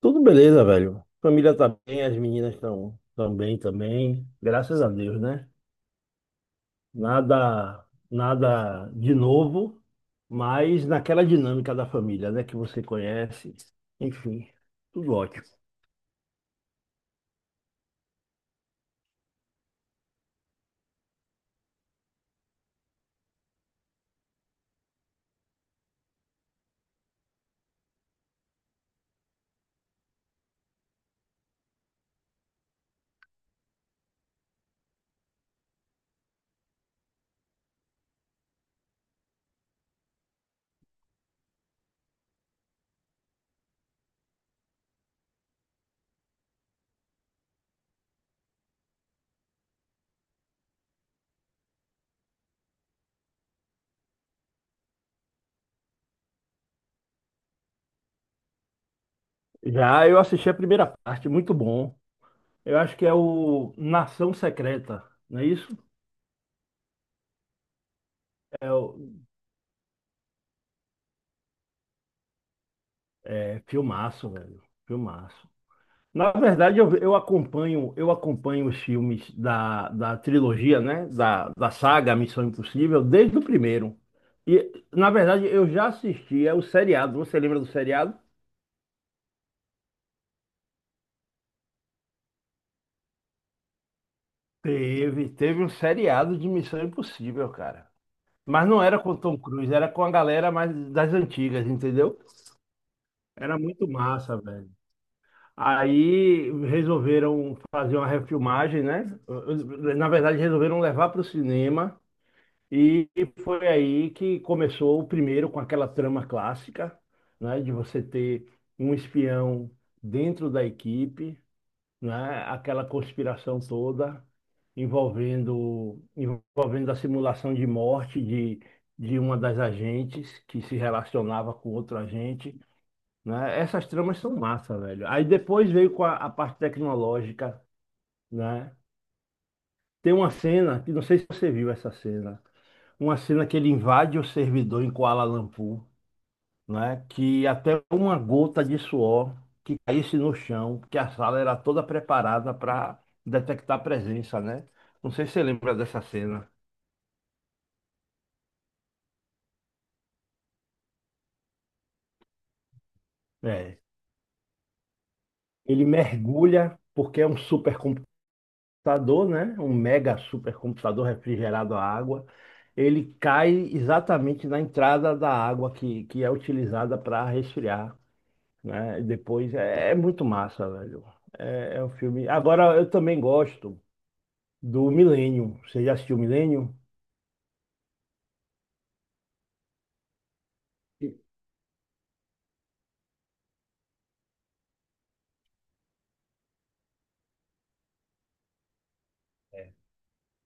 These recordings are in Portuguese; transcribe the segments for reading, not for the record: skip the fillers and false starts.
Tudo beleza, velho. Família tá bem, as meninas estão bem também. Graças a Deus, né? Nada de novo, mas naquela dinâmica da família, né? Que você conhece. Enfim, tudo ótimo. Já eu assisti a primeira parte, muito bom. Eu acho que é o Nação Secreta, não é isso? É o é filmaço, velho. Filmaço. Na verdade, eu acompanho, eu acompanho os filmes da trilogia, né? Da, da saga Missão Impossível, desde o primeiro. E, na verdade, eu já assistia o seriado. Você lembra do seriado? Teve um seriado de Missão Impossível, cara. Mas não era com o Tom Cruise, era com a galera mais das antigas, entendeu? Era muito massa, velho. Aí resolveram fazer uma refilmagem, né? Na verdade, resolveram levar para o cinema. E foi aí que começou o primeiro com aquela trama clássica, né, de você ter um espião dentro da equipe, né, aquela conspiração toda envolvendo a simulação de morte de uma das agentes que se relacionava com outro agente, né? Essas tramas são massa, velho. Aí depois veio com a parte tecnológica, né? Tem uma cena, que não sei se você viu essa cena, uma cena que ele invade o servidor em Kuala Lumpur, né? Que até uma gota de suor que caísse no chão, que a sala era toda preparada para detectar a presença, né? Não sei se você lembra dessa cena. É. Ele mergulha, porque é um supercomputador, né? Um mega supercomputador refrigerado à água. Ele cai exatamente na entrada da água que é utilizada para resfriar, né? E depois é, é muito massa, velho. É, é um filme. Agora eu também gosto do Milênio. Você já assistiu o Milênio?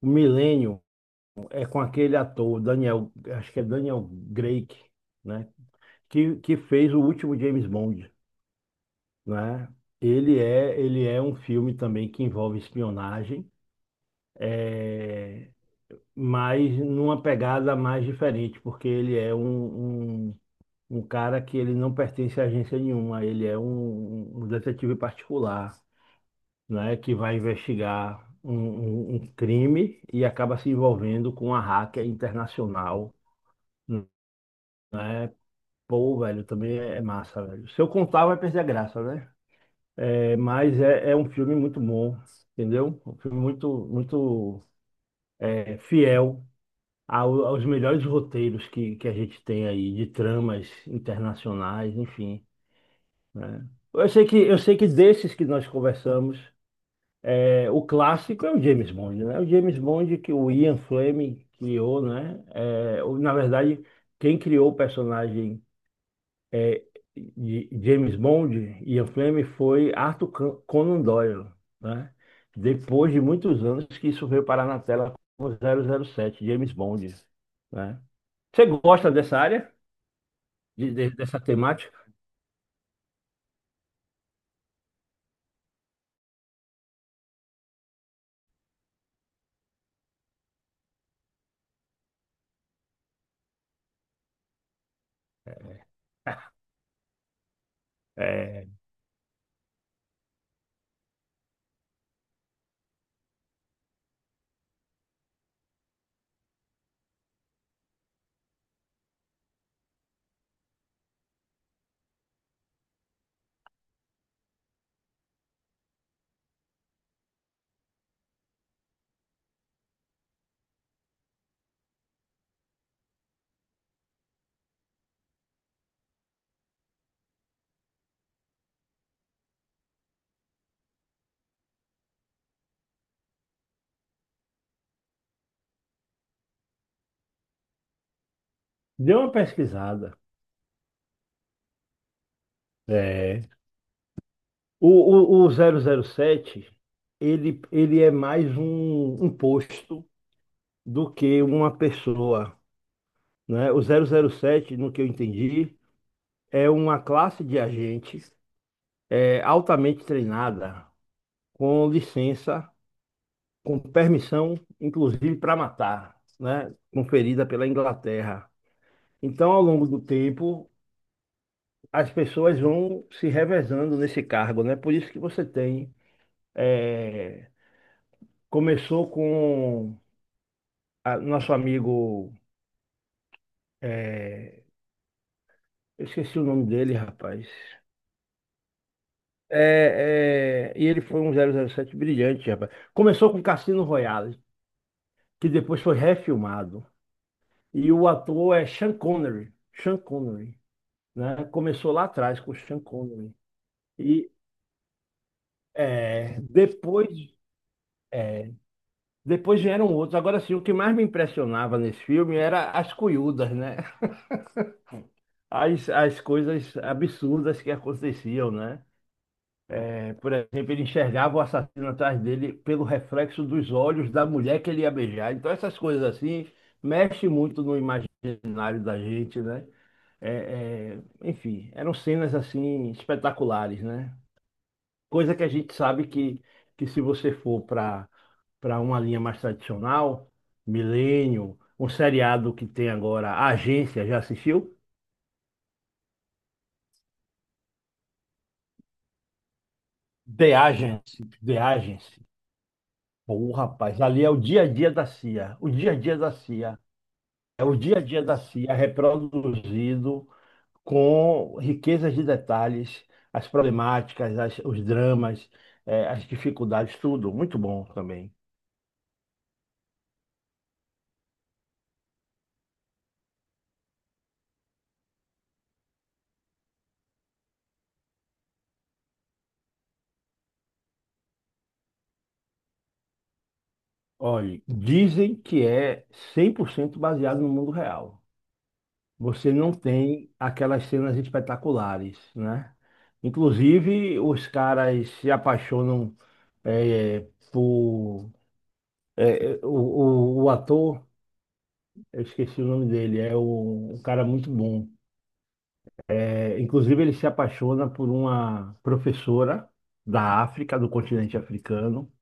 O Milênio é com aquele ator, Daniel, acho que é Daniel Craig, né? Que fez o último James Bond, né? Ele é um filme também que envolve espionagem, é, mas numa pegada mais diferente, porque ele é um cara que ele não pertence a agência nenhuma, ele é um detetive particular, né, que vai investigar um crime e acaba se envolvendo com uma hacker internacional, né? Pô, velho, também é massa, velho. Se eu contar, vai perder a graça, né? É, mas é, é um filme muito bom, entendeu? Um filme muito, muito é, fiel ao- aos melhores roteiros que a gente tem aí, de tramas internacionais, enfim, né? Eu sei que desses que nós conversamos, é, o clássico é o James Bond, né? O James Bond que o Ian Fleming criou, né? É, o- na verdade, quem criou o personagem é, de James Bond, Ian Fleming, foi Arthur Con- Conan Doyle, né? Depois de muitos anos que isso veio parar na tela com zero zero sete James Bond, né? Você gosta dessa área, de- dessa temática? É, dê uma pesquisada. É. O, o zero zero sete ele, ele é mais um, um posto do que uma pessoa, né? O zero zero sete, no que eu entendi, é uma classe de agentes é, altamente treinada, com licença, com permissão, inclusive para matar, né? Conferida pela Inglaterra. Então, ao longo do tempo, as pessoas vão se revezando nesse cargo, né? Por isso que você tem. É, começou com a- nosso amigo. É, eu esqueci o nome dele, rapaz. É, é, e ele foi um zero zero sete brilhante, rapaz. Começou com Cassino Royale, que depois foi refilmado. E o ator é Sean Connery. Sean Connery, né? Começou lá atrás com Sean Connery. E é, depois, é, depois vieram outros. Agora sim, o que mais me impressionava nesse filme era as cuiudas, né? As coisas absurdas que aconteciam, né? É, por exemplo, ele enxergava o assassino atrás dele pelo reflexo dos olhos da mulher que ele ia beijar. Então, essas coisas assim mexem muito no imaginário da gente, né? É, é, enfim, eram cenas assim espetaculares, né? Coisa que a gente sabe que se você for para uma linha mais tradicional, Milênio, um seriado que tem agora, A Agência, já assistiu? The Agency, The Agency. Pô, rapaz, ali é o dia a dia da CIA. O dia a dia da CIA. É o dia a dia da CIA reproduzido com riquezas de detalhes, as problemáticas, as- os dramas, as dificuldades, tudo. Muito bom também. Olhe, dizem que é 100% baseado no mundo real. Você não tem aquelas cenas espetaculares, né? Inclusive, os caras se apaixonam eh, por o, o ator. Eu esqueci o nome dele, é um, um cara muito bom. É, inclusive, ele se apaixona por uma professora da África, do continente africano,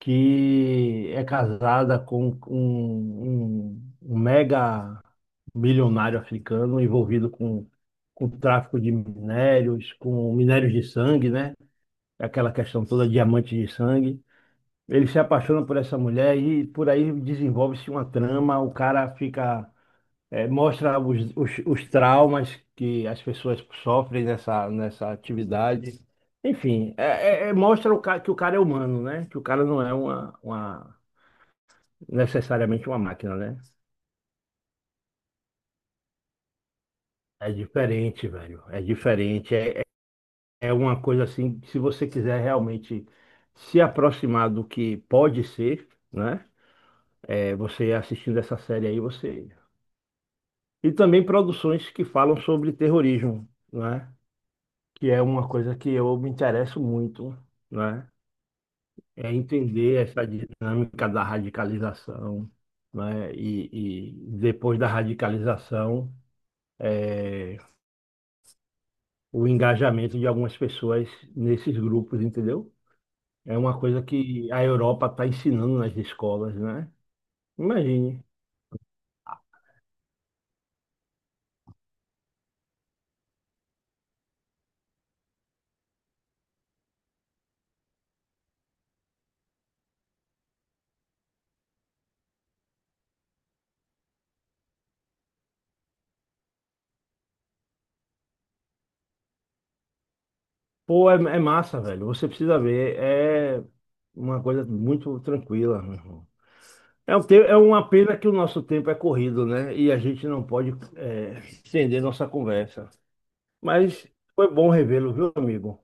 que é casada com um mega milionário africano envolvido com tráfico de minérios, com minérios de sangue, né? Aquela questão toda, diamante de sangue. Ele se apaixona por essa mulher e por aí desenvolve-se uma trama, o cara fica. É, mostra os traumas que as pessoas sofrem nessa atividade. Enfim, é, é- é- mostra o ca- que o cara é humano, né? Que o cara não é necessariamente uma máquina, né? É diferente, velho. É diferente. É, é uma coisa assim, que se você quiser realmente se aproximar do que pode ser, né? É, você assistindo essa série aí, você. E também produções que falam sobre terrorismo, né? que é uma coisa que eu me interesso muito, né? É entender essa dinâmica da radicalização, né? E depois da radicalização, é, o engajamento de algumas pessoas nesses grupos, entendeu? É uma coisa que a Europa está ensinando nas escolas, né? Imagine. Pô, é, é massa, velho. Você precisa ver. É uma coisa muito tranquila, né? É, um te- é uma pena que o nosso tempo é corrido, né? E a gente não pode é, estender nossa conversa. Mas foi bom revê-lo, viu, amigo?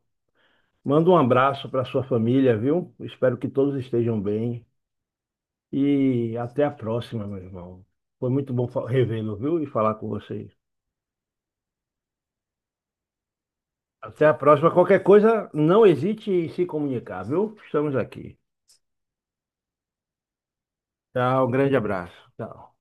Manda um abraço para sua família, viu? Espero que todos estejam bem. E até a próxima, meu irmão. Foi muito bom fa- revê-lo, viu? E falar com vocês. Até a próxima. Qualquer coisa, não hesite em se comunicar, viu? Estamos aqui. Tchau, um grande abraço. Tchau.